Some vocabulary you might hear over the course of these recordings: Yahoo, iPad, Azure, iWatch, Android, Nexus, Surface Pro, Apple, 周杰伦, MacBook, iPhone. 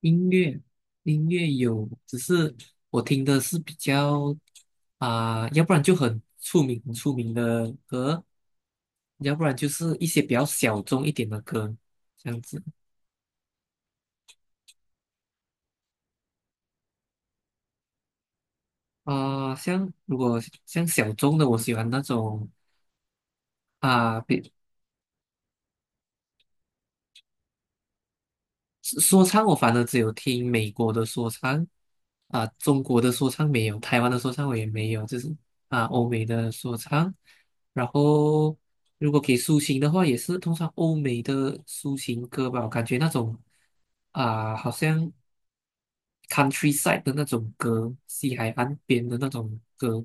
音乐，音乐有，只是我听的是比较要不然就很出名、很出名的歌，要不然就是一些比较小众一点的歌，这样子。像如果像小众的，我喜欢那种啊、比说唱我反而只有听美国的说唱，中国的说唱没有，台湾的说唱我也没有，就是欧美的说唱。然后如果给抒情的话，也是通常欧美的抒情歌吧，我感觉那种好像 countryside 的那种歌，西海岸边的那种歌，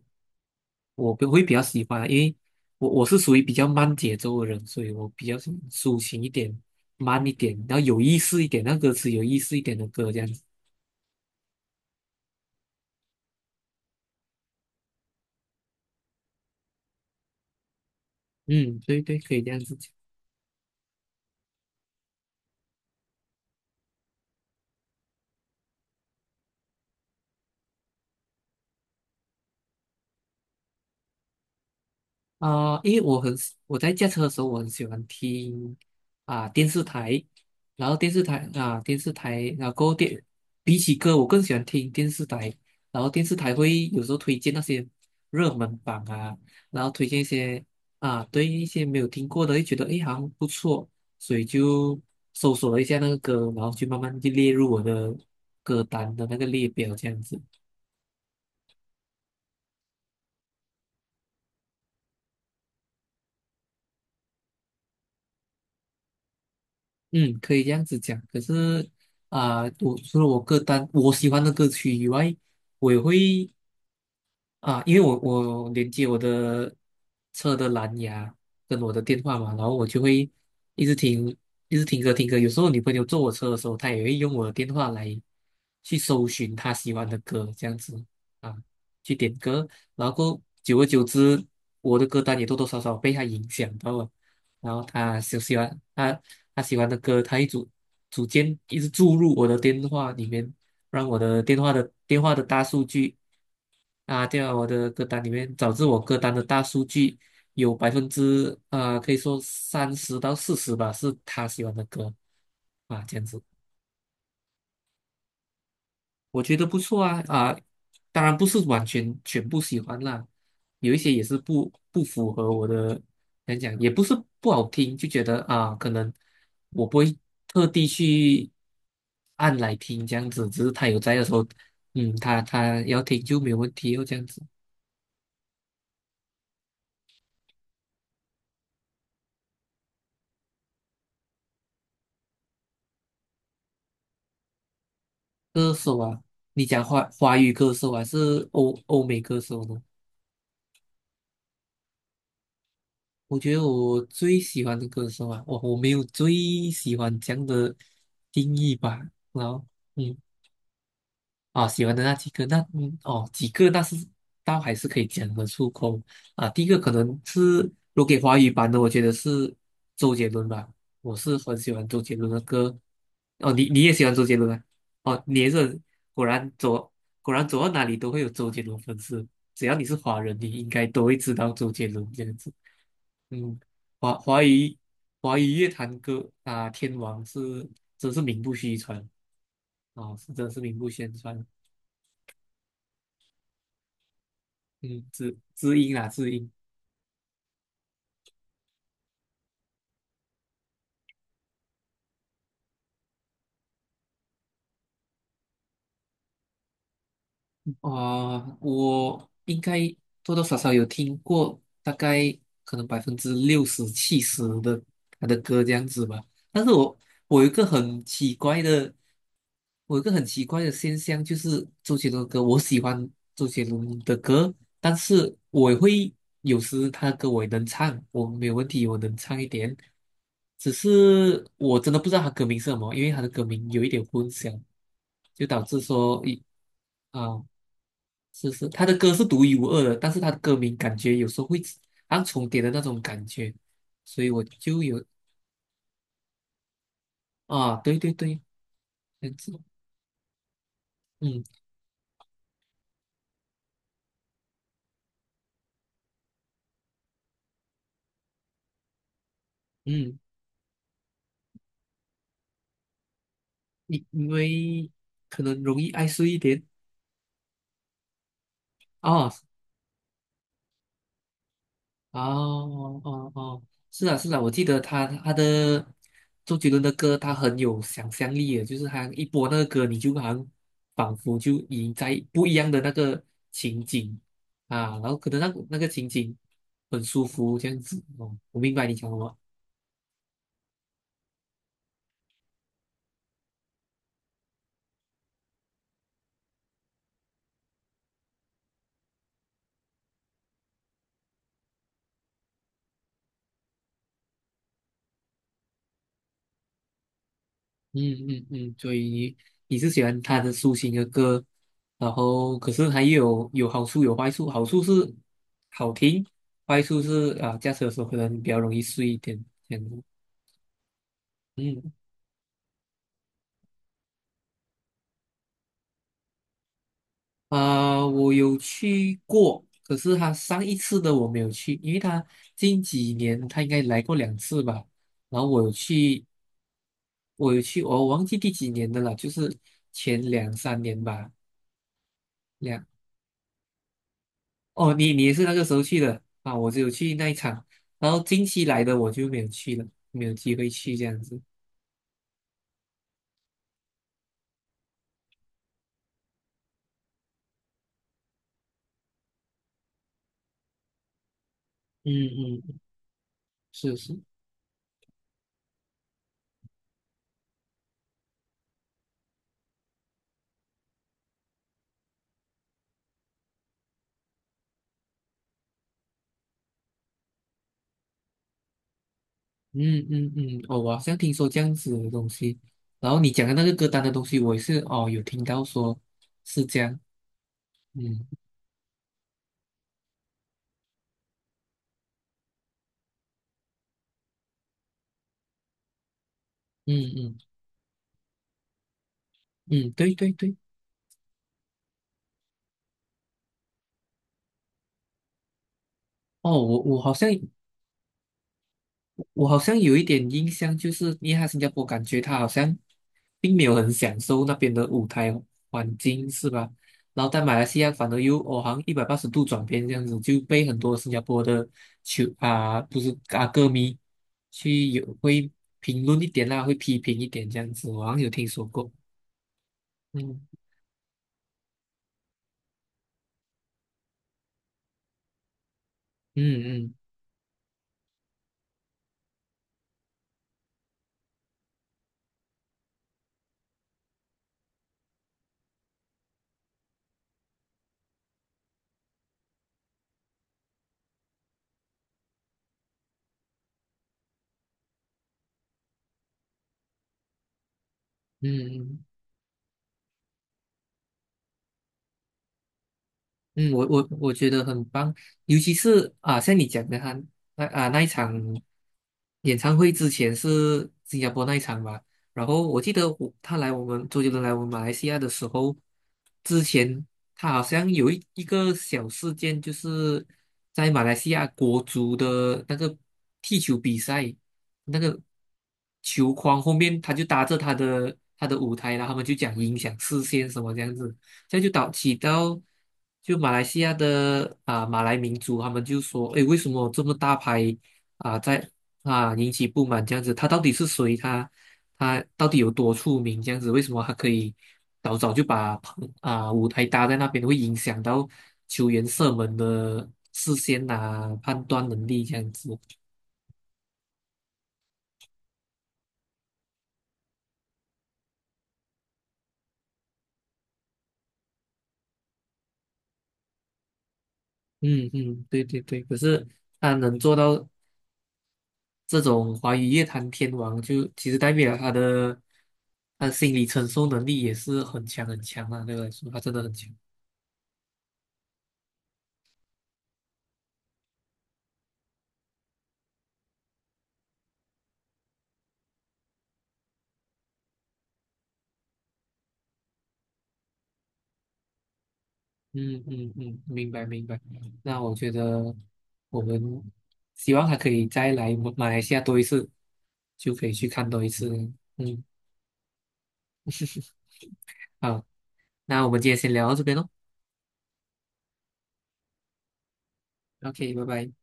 我会比较喜欢啊，因为我是属于比较慢节奏的人，所以我比较喜欢抒情一点、慢一点，然后有意思一点，那歌词有意思一点的歌这样子。嗯，对对，可以这样子讲。因为我很喜我在驾车的时候，我很喜欢听电视台，然后电视台，然后电比起歌，我更喜欢听电视台，然后电视台会有时候推荐那些热门榜啊，然后推荐一些对一些没有听过的，就觉得诶好像不错，所以就搜索了一下那个歌，然后就慢慢就列入我的歌单的那个列表这样子。嗯，可以这样子讲。可是我除了我歌单我喜欢的歌曲以外，我也会啊，因为我连接我的车的蓝牙跟我的电话嘛，然后我就会一直听，一直听歌听歌。有时候女朋友坐我车的时候，她也会用我的电话来去搜寻她喜欢的歌，这样子，啊，去点歌。然后过后久而久之，我的歌单也多多少少被她影响到了。然后她喜欢的歌，她组件一直注入我的电话里面，让我的电话的大数据。啊，对啊，我的歌单里面，导致我歌单的大数据有百分之可以说30到40吧，是他喜欢的歌，啊，这样子。我觉得不错啊，当然不是完全全部喜欢啦，有一些也是不符合我的，讲也不是不好听，就觉得啊，可能我不会特地去按来听这样子，只是他有在的时候，嗯，他要听就没有问题哦，这样子。歌手啊，你讲华语歌手还是欧美歌手呢？我觉得我最喜欢的歌手啊，我没有最喜欢这样的定义吧。然后，嗯。啊，喜欢的那几个，那几个那是倒还是可以讲得出口啊。第一个可能是如果给华语版的，我觉得是周杰伦吧，我是很喜欢周杰伦的歌。哦，你也喜欢周杰伦啊？哦，你也是。果然走果然走到哪里都会有周杰伦粉丝，只要你是华人，你应该都会知道周杰伦这样子。嗯，华华语华语乐坛歌啊，天王是真是名不虚传，啊，是真是名不虚传。嗯，知音啦，知音。啊，我应该多多少少有听过，大概可能百分之60、70的他的歌这样子吧。但是我有一个很奇怪的，我有一个很奇怪的现象，就是周杰伦的歌，我喜欢周杰伦的歌，但是我也会他的歌我也能唱，我没有问题，我能唱一点。只是我真的不知道他歌名是什么，因为他的歌名有一点混淆，就导致说一。啊、是是，他的歌是独一无二的，但是他的歌名感觉有时候会好重叠的那种感觉，所以我就有啊，对对对，这样子。嗯嗯，因为可能容易爱睡一点啊。哦哦哦，是啊是啊，我记得他的周杰伦的歌，他很有想象力的，就是他一播那个歌，你就好像仿佛就已在不一样的那个情景，啊，然后可能那个情景很舒服这样子哦，我明白你讲什么。嗯嗯嗯，所以你是喜欢他的抒情的歌，然后可是还有有好处有坏处，好处是好听，坏处是啊驾车的时候可能比较容易睡一点这样子。嗯，我有去过，可是他上一次的我没有去，因为他近几年他应该来过2次吧。然后我有去，我忘记第几年的了，就是前2、3年吧。两，哦，你也是那个时候去的啊？我只有去那一场，然后近期来的我就没有去了，没有机会去这样子。嗯嗯，是是。嗯嗯嗯，哦，我好像听说这样子的东西，然后你讲的那个歌单的东西，我也是哦有听到说是这样。嗯嗯嗯嗯，对对对，哦，我好像有一点印象，就是因为他新加坡感觉他好像并没有很享受那边的舞台环境，是吧？然后在马来西亚反而又哦，好像180度转变这样子，就被很多新加坡的球啊，不是啊歌迷去有会评论一点啦，会批评一点这样子，我好像有听说过。嗯嗯嗯嗯嗯嗯，我觉得很棒，尤其是啊，像你讲的他那一场演唱会之前是新加坡那一场嘛，然后我记得我他来我们周杰伦来我们马来西亚的时候，之前他好像有一个小事件，就是在马来西亚国足的那个踢球比赛，那个球框后面他就搭着他的舞台，然后他们就讲影响视线什么这样子。这样就导起到就马来西亚的，马来民族，他们就说，诶，为什么这么大牌啊、在引起不满这样子？他到底是谁？他到底有多出名？这样子，为什么他可以早早就把舞台搭在那边，会影响到球员射门的视线啊、判断能力这样子？嗯嗯，对对对，可是他能做到。这种华语乐坛天王就其实代表他的心理承受能力也是很强很强啊，对我来说他真的很强。嗯嗯嗯，嗯，明白明白。那我觉得我们希望他可以再来马来西亚多一次，就可以去看多一次。嗯，好，那我们今天先聊到这边喽。OK，拜拜。